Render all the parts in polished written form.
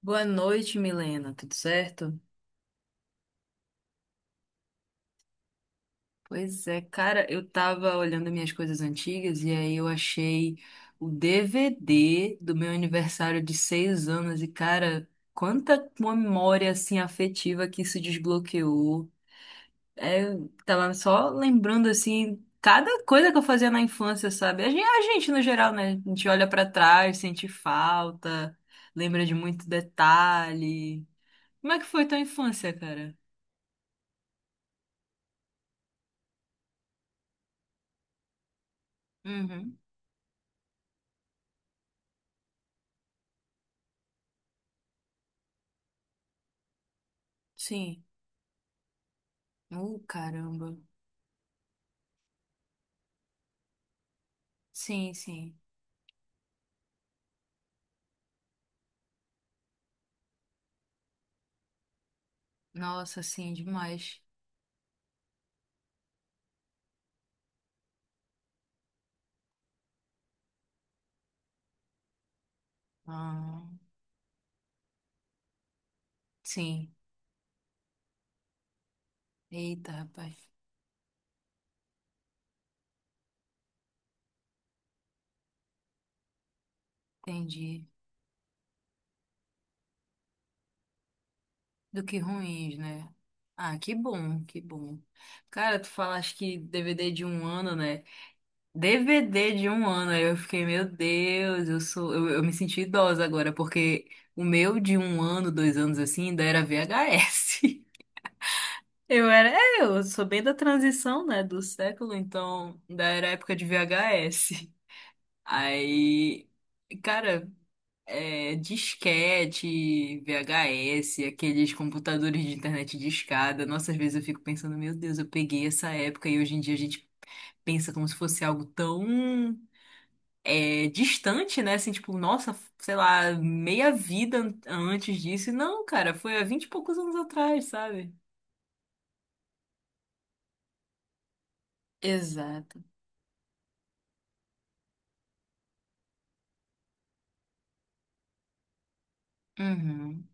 Boa noite, Milena. Tudo certo? Pois é, cara, eu tava olhando minhas coisas antigas e aí eu achei o DVD do meu aniversário de 6 anos e, cara, quanta memória assim afetiva que isso desbloqueou. É, eu tava só lembrando assim cada coisa que eu fazia na infância, sabe? A gente no geral, né? A gente olha pra trás, sente falta, lembra de muito detalhe. Como é que foi tua infância, cara? Uhum. Sim. Caramba. Sim, sim. Nossa, sim, demais. Ah, sim. Eita, rapaz. Entendi. Do que ruins, né? Ah, que bom, que bom. Cara, tu falaste que DVD de um ano, né? DVD de um ano. Aí eu fiquei, meu Deus, eu sou. Eu me senti idosa agora, porque o meu de um ano, dois anos assim, ainda era VHS. Eu sou bem da transição, né, do século, então, da era época de VHS. Aí, cara, disquete, VHS, aqueles computadores de internet discada. Nossa, às vezes eu fico pensando, meu Deus, eu peguei essa época e hoje em dia a gente pensa como se fosse algo tão distante, né? Assim, tipo, nossa, sei lá, meia vida antes disso. E não, cara, foi há vinte e poucos anos atrás, sabe? Exato. Uhum,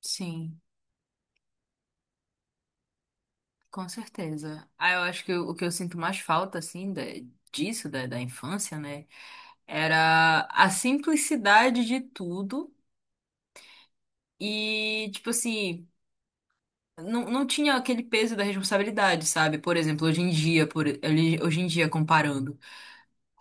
sim, com certeza. Ah, eu acho que o que eu sinto mais falta, assim, disso, da infância, né? Era a simplicidade de tudo e, tipo assim, não, não tinha aquele peso da responsabilidade, sabe? Por exemplo, hoje em dia, hoje em dia comparando.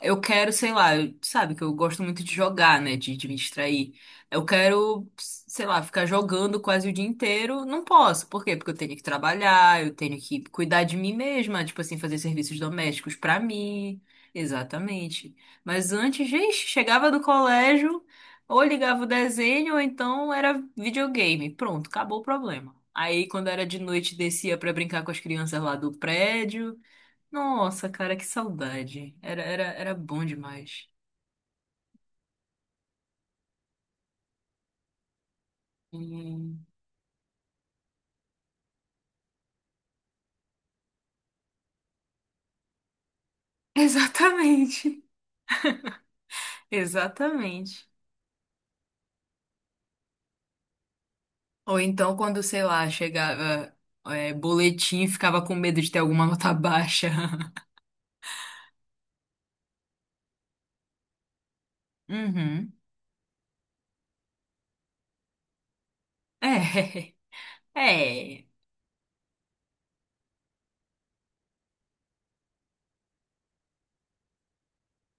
Eu quero, sei lá, sabe que eu gosto muito de jogar, né? De me distrair. Eu quero, sei lá, ficar jogando quase o dia inteiro. Não posso. Por quê? Porque eu tenho que trabalhar, eu tenho que cuidar de mim mesma, tipo assim, fazer serviços domésticos pra mim. Exatamente. Mas antes, gente, chegava do colégio, ou ligava o desenho, ou então era videogame. Pronto, acabou o problema. Aí, quando era de noite, descia pra brincar com as crianças lá do prédio. Nossa, cara, que saudade. Era bom demais. Hum. Exatamente. Exatamente. Ou então, quando, sei lá, chegava, boletim, ficava com medo de ter alguma nota baixa. Uhum. É, é.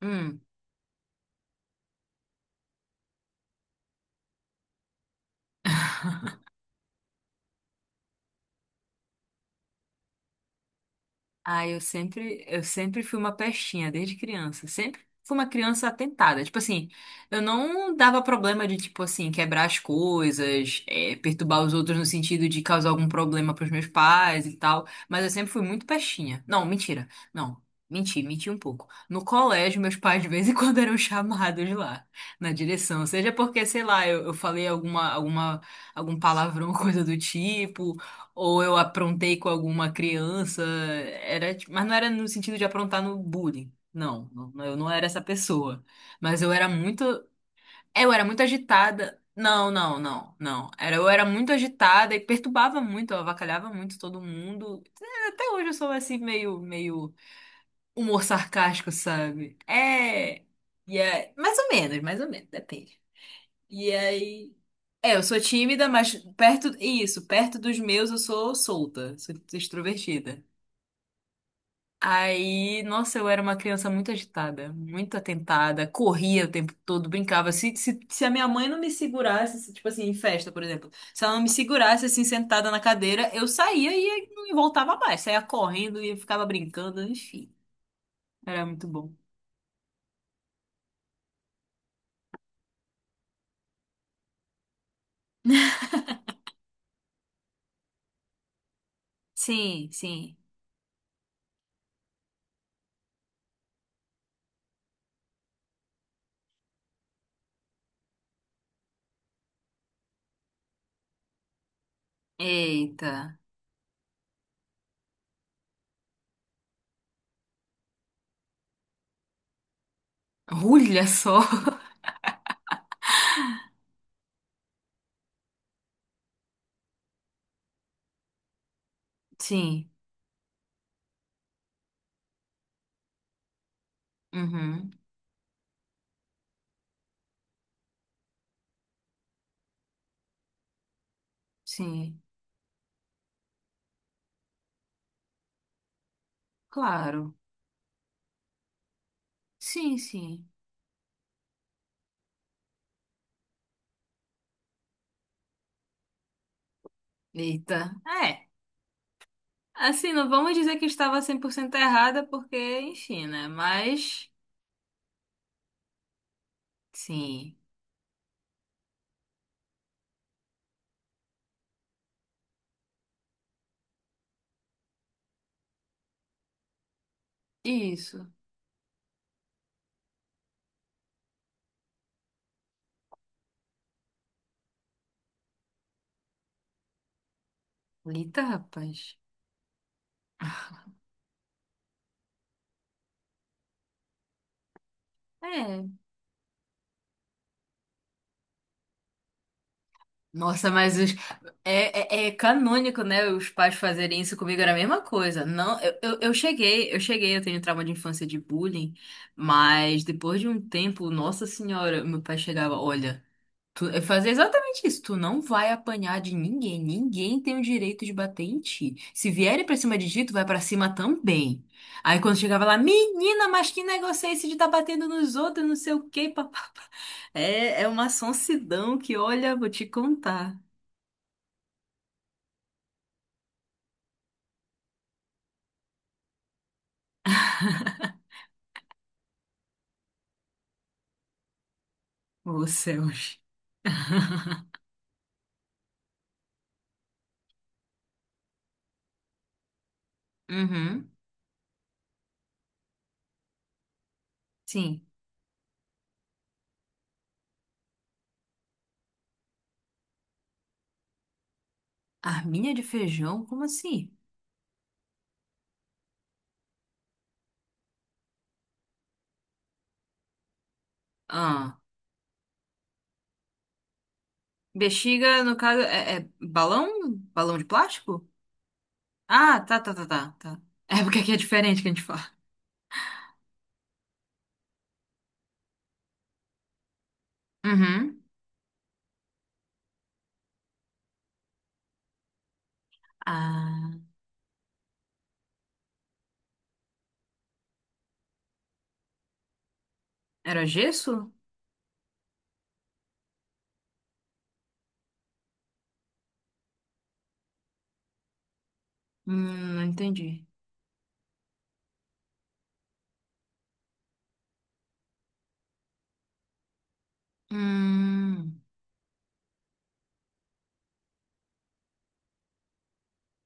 Hum. Ah, eu sempre fui uma pestinha, desde criança. Sempre fui uma criança atentada. Tipo assim, eu não dava problema de, tipo assim, quebrar as coisas, perturbar os outros no sentido de causar algum problema pros meus pais e tal. Mas eu sempre fui muito pestinha. Não, mentira. Não, menti um pouco. No colégio, meus pais de vez em quando eram chamados lá, na direção. Seja porque, sei lá, eu falei algum palavrão, coisa do tipo ou eu aprontei com alguma criança, mas não era no sentido de aprontar no bullying. Não, não, eu não era essa pessoa. Mas eu era muito agitada. Não, não, não, não. Eu era muito agitada e perturbava muito, eu avacalhava muito todo mundo. É, até hoje eu sou assim meio humor sarcástico, sabe? É, e é, mais ou menos, depende. E aí eu sou tímida, mas perto, isso, perto dos meus eu sou solta, sou extrovertida. Aí, nossa, eu era uma criança muito agitada, muito atentada, corria o tempo todo, brincava. Se a minha mãe não me segurasse, se, tipo assim, em festa, por exemplo, se ela não me segurasse assim, sentada na cadeira, eu saía e não voltava mais, saía correndo e ficava brincando, enfim, era muito bom. Sim, sim. Eita, olha só. Sim, uhum, sim, claro. Sim, sim. Eita. É. Assim, não vamos dizer que estava 100% errada, porque, enfim, né? Mas, sim. Isso. Eita, rapaz. É. Nossa, mas os... é canônico, né? Os pais fazerem isso comigo era a mesma coisa. Não, eu tenho trauma de infância de bullying, mas depois de um tempo, nossa senhora, meu pai chegava, olha. É fazer exatamente isso. Tu não vai apanhar de ninguém. Ninguém tem o direito de bater em ti. Se vierem pra cima de ti, tu vai pra cima também. Aí quando chegava lá, menina, mas que negócio é esse de tá batendo nos outros, não sei o quê, papapá. É, é uma sonsidão que, olha, vou te contar. Ô, céus. Uhum, sim. Arminha de feijão? Como assim? Ah, bexiga, no caso, é balão? Balão de plástico? Ah, tá, tá, tá, tá, tá. É porque aqui é diferente que a gente fala. Uhum. Ah, era gesso? Não entendi. Hum.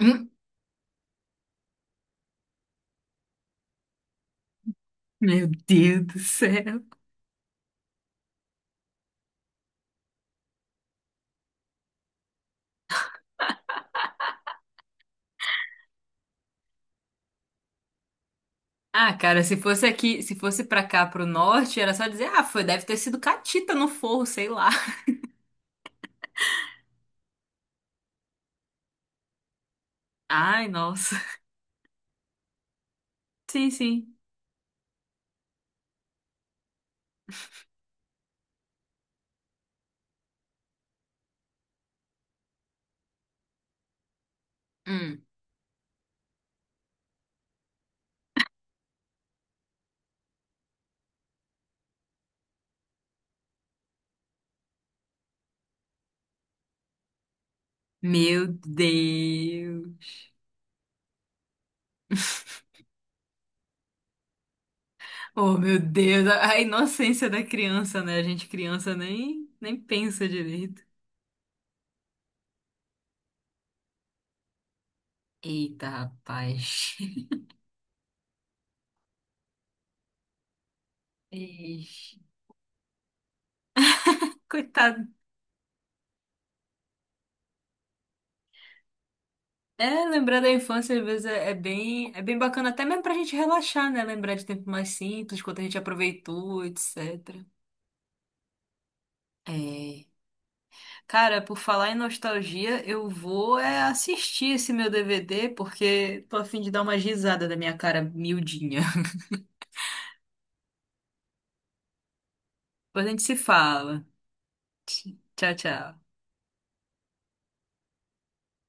Hum. Meu Deus do céu. Ah, cara, se fosse aqui, se fosse pra cá, pro norte, era só dizer, ah, foi, deve ter sido catita no forro, sei lá. Ai, nossa. Sim, sim. Hum. Meu Deus. Oh, meu Deus, a inocência da criança, né? A gente criança nem pensa direito. Eita, rapaz. Ixi. Coitado. É, lembrar da infância às vezes é bem bacana, até mesmo pra gente relaxar, né? Lembrar de tempos mais simples, quanto a gente aproveitou, etc. É. Cara, por falar em nostalgia, eu vou é assistir esse meu DVD, porque tô a fim de dar uma risada da minha cara miudinha. Depois a gente se fala. Tchau, tchau.